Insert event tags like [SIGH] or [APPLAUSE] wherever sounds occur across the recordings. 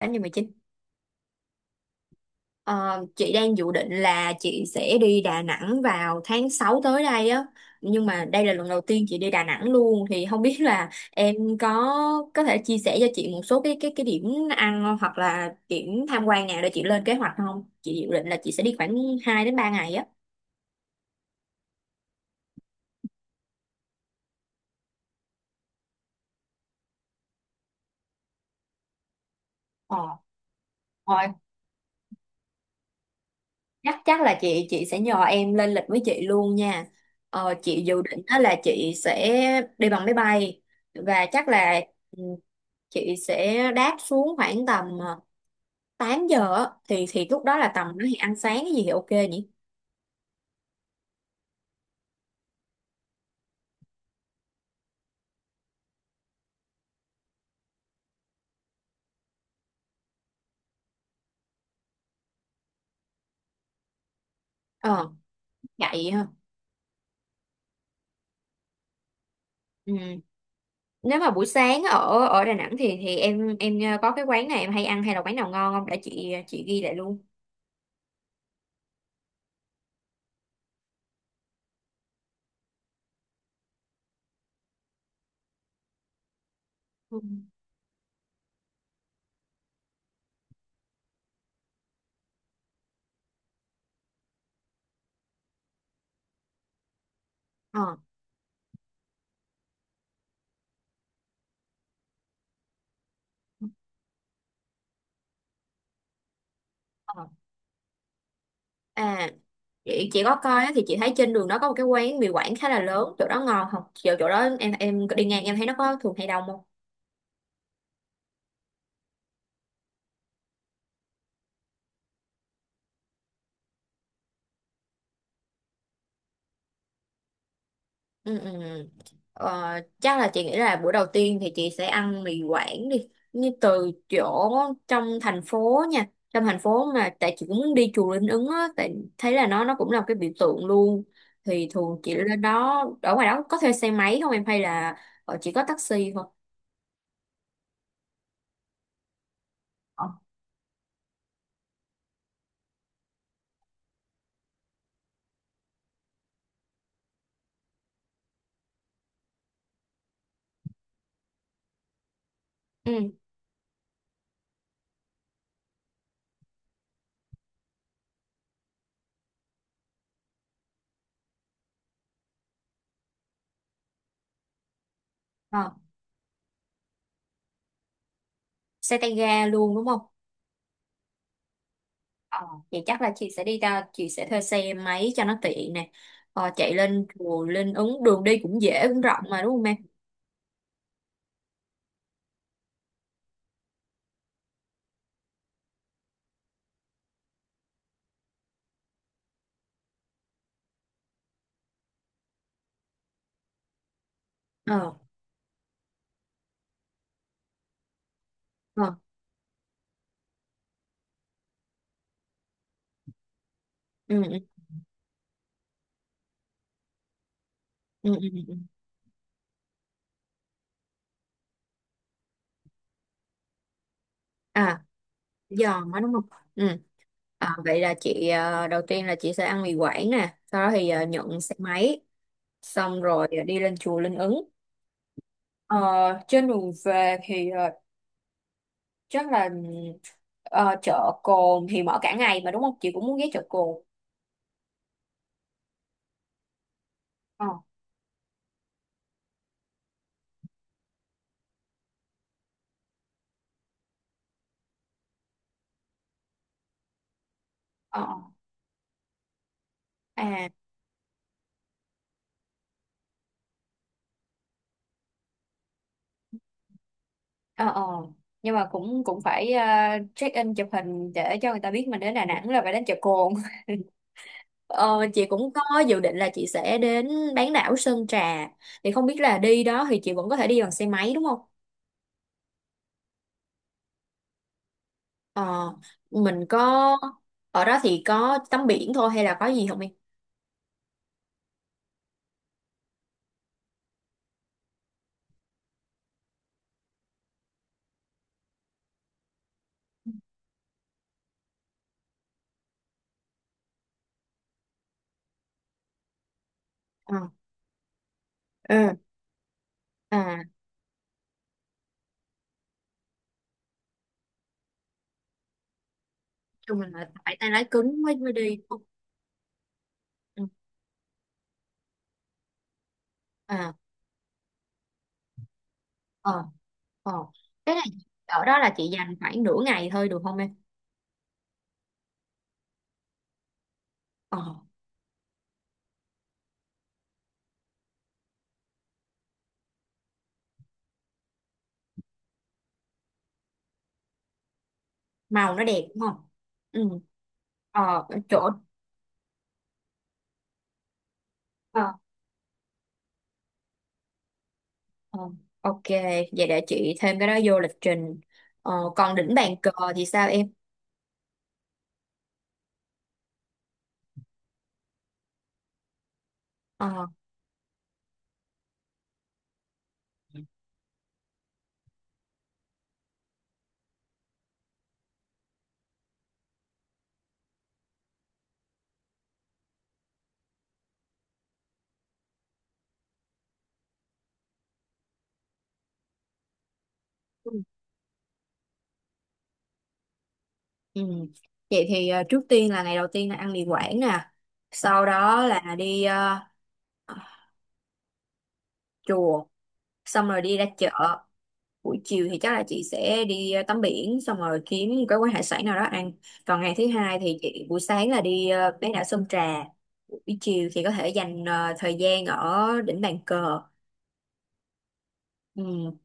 Tháng điều 19. Ờ, chị đang dự định là chị sẽ đi Đà Nẵng vào tháng 6 tới đây á. Nhưng mà đây là lần đầu tiên chị đi Đà Nẵng luôn thì không biết là em có có thể chia sẻ cho chị một số cái điểm ăn hoặc là điểm tham quan nào để chị lên kế hoạch không? Chị dự định là chị sẽ đi khoảng 2 đến 3 ngày á. Ờ. Ờ, chắc chắc là chị sẽ nhờ em lên lịch với chị luôn nha. Chị dự định đó là chị sẽ đi bằng máy bay và chắc là ừ, chị sẽ đáp xuống khoảng tầm 8 giờ á. Thì lúc đó là tầm đó thì ăn sáng cái gì thì ok nhỉ? Ờ, vậy ha. Ừ. Nếu mà buổi sáng ở ở Đà Nẵng thì em có cái quán này em hay ăn hay là quán nào ngon không để chị ghi lại luôn? Ừ. Ờ. Ờ. À, chị có coi á, thì chị thấy trên đường đó có một cái quán mì Quảng khá là lớn, chỗ đó ngon không? Chỗ chỗ đó em đi ngang em thấy nó có thường hay đông không? Ừ, ừ. Ừ. Ờ, chắc là chị nghĩ là bữa đầu tiên thì chị sẽ ăn mì Quảng đi như từ chỗ trong thành phố nha, trong thành phố, mà tại chị cũng muốn đi chùa Linh Ứng á, tại thấy là nó cũng là một cái biểu tượng luôn. Thì thường chị lên đó ở ngoài đó có thuê xe máy không em hay là chỉ có taxi thôi? Ờ, ừ, ờ, xe tay ga luôn đúng không? Ờ, vậy chắc là chị sẽ đi ra chị sẽ thuê xe máy cho nó tiện nè. Chạy lên chùa lên ứng, đường đi cũng dễ cũng rộng mà đúng không em? Ờ. Ờ. ừ ừ, ừ, ừ. Ừ. Ừ. À, giòn quá đúng không? Ừ. À, vậy là chị đầu tiên là chị sẽ ăn mì Quảng nè, sau đó thì nhận xe máy, xong rồi đi lên chùa Linh Ứng. Ờ, trên đường về thì chắc là chợ Cồn thì mở cả ngày mà đúng không? Chị cũng muốn ghé chợ Cồn. Ờ, ờ, ờ. À, ờ, ờ, nhưng mà cũng cũng phải check in chụp hình để cho người ta biết mình đến Đà Nẵng là phải đến chợ cồn. [LAUGHS] Ờ, chị cũng có dự định là chị sẽ đến bán đảo Sơn Trà, thì không biết là đi đó thì chị vẫn có thể đi bằng xe máy đúng không? Ờ, mình có ở đó thì có tắm biển thôi hay là có gì không em? Ờ. Ừ. À, chung mình là phải tay lái cứng mới mới đi không? Ừ. À. Ờ. Ờ, thế là ở đó là chị dành khoảng nửa ngày thôi được không em? Ờ, màu nó đẹp đúng không? Ừ. Ờ, chỗ, ờ, ờ, ok, vậy để chị thêm cái đó vô lịch trình. Còn đỉnh bàn cờ thì sao em? Ờ. Ừ. Ừ. Vậy thì trước tiên là ngày đầu tiên là ăn mì Quảng nè, sau đó là đi ờ, chùa, xong rồi đi ra chợ. Buổi chiều thì chắc là chị sẽ đi tắm biển, xong rồi kiếm cái quán hải sản nào đó ăn. Còn ngày thứ hai thì chị buổi sáng là đi bán đảo Sơn Trà, buổi chiều thì có thể dành thời gian ở đỉnh bàn cờ. Ừ.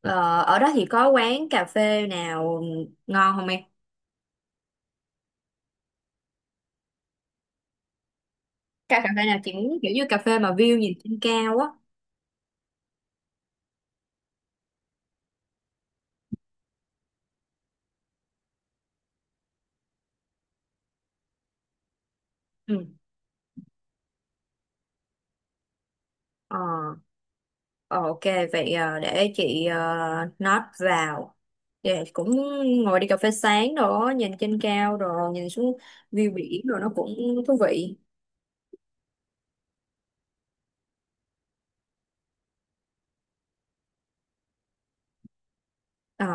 Ờ, ở đó thì có quán cà phê nào ngon không em? Cà cà phê nào chị muốn, kiểu như cà phê mà view nhìn trên cao á. Ừ. Ờ. Ờ, ok, vậy à, để chị à, note vào. Dạ, cũng ngồi đi cà phê sáng đó, nhìn trên cao rồi, nhìn xuống view biển rồi nó cũng thú vị. Ờ,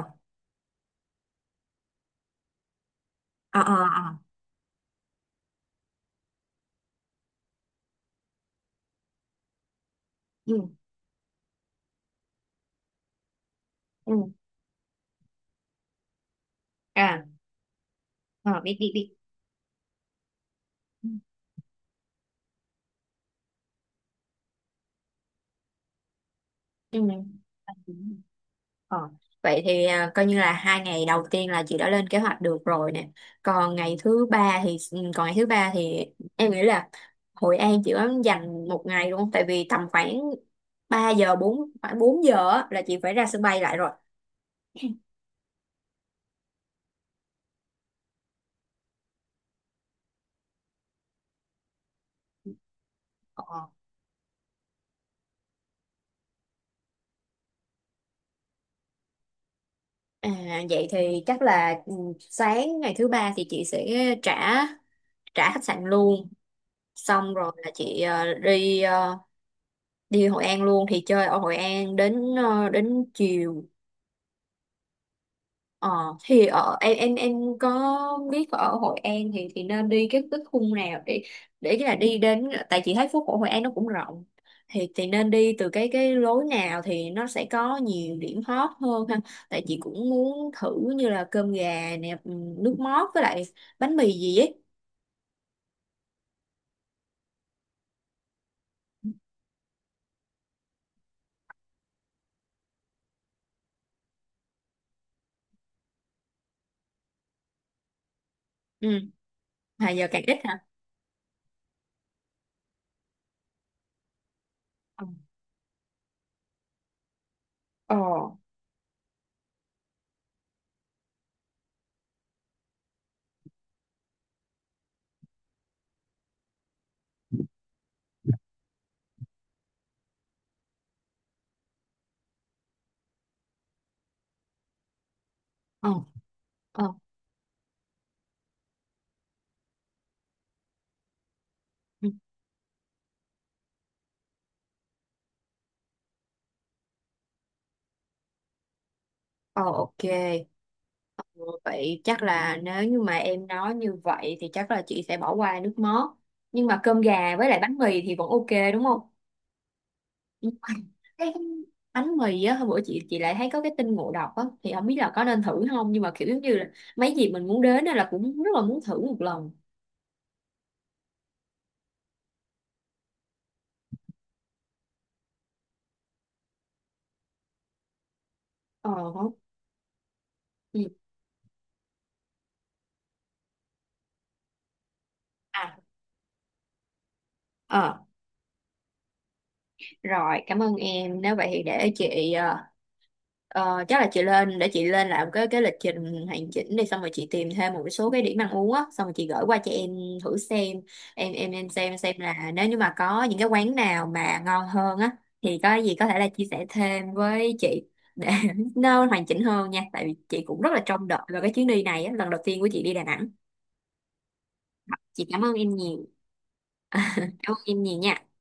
ờ, ờ, ờ. Ừ, ừ. À, ờ, biết, biết, biết. Ừ. Ừ. Ờ. Vậy thì à, coi như là hai ngày đầu tiên là chị đã lên kế hoạch được rồi nè. Còn ngày thứ ba thì ừ, còn ngày thứ ba thì em nghĩ là Hội An chị có dành một ngày luôn không? Tại vì tầm khoảng 3 giờ 4 khoảng 4 giờ á, là chị phải ra sân bay lại rồi. Ờ. À, vậy thì chắc là ừ, sáng ngày thứ ba thì chị sẽ trả trả khách sạn luôn, xong rồi là chị đi đi Hội An luôn, thì chơi ở Hội An đến đến chiều. Ờ, thì ở em có biết ở Hội An thì nên đi cái khung nào để cái là đi đến, tại chị thấy phố cổ Hội An nó cũng rộng thì nên đi từ cái lối nào thì nó sẽ có nhiều điểm hot hơn ha? Tại chị cũng muốn thử như là cơm gà nè, nước mót với lại bánh mì gì ấy. Ừ, mà giờ càng ít hả? Ờ, ờ, ờ, ờ. Ừ. Ờ, ok, vậy chắc là nếu như mà em nói như vậy thì chắc là chị sẽ bỏ qua nước mót. Nhưng mà cơm gà với lại bánh mì thì vẫn ok đúng không? Nhưng mà [LAUGHS] cái bánh mì á, hôm bữa chị lại thấy có cái tin ngộ độc á, thì không biết là có nên thử không, nhưng mà kiểu giống như là mấy dịp mình muốn đến á là cũng rất là muốn thử một lần. Ờ không. Ừ. À, ờ, rồi, cảm ơn em. Nếu vậy thì để chị ờ, chắc là chị lên để chị lên làm cái lịch trình hoàn chỉnh đi, xong rồi chị tìm thêm một số cái điểm ăn uống á, xong rồi chị gửi qua cho em thử xem. Em xem là nếu như mà có những cái quán nào mà ngon hơn á thì có gì có thể là chia sẻ thêm với chị để [LAUGHS] nó hoàn chỉnh hơn nha, tại vì chị cũng rất là trông đợi vào cái chuyến đi này á, lần đầu tiên của chị đi Đà Nẵng. Chị cảm ơn em nhiều. [LAUGHS] Cảm ơn em nhiều nha.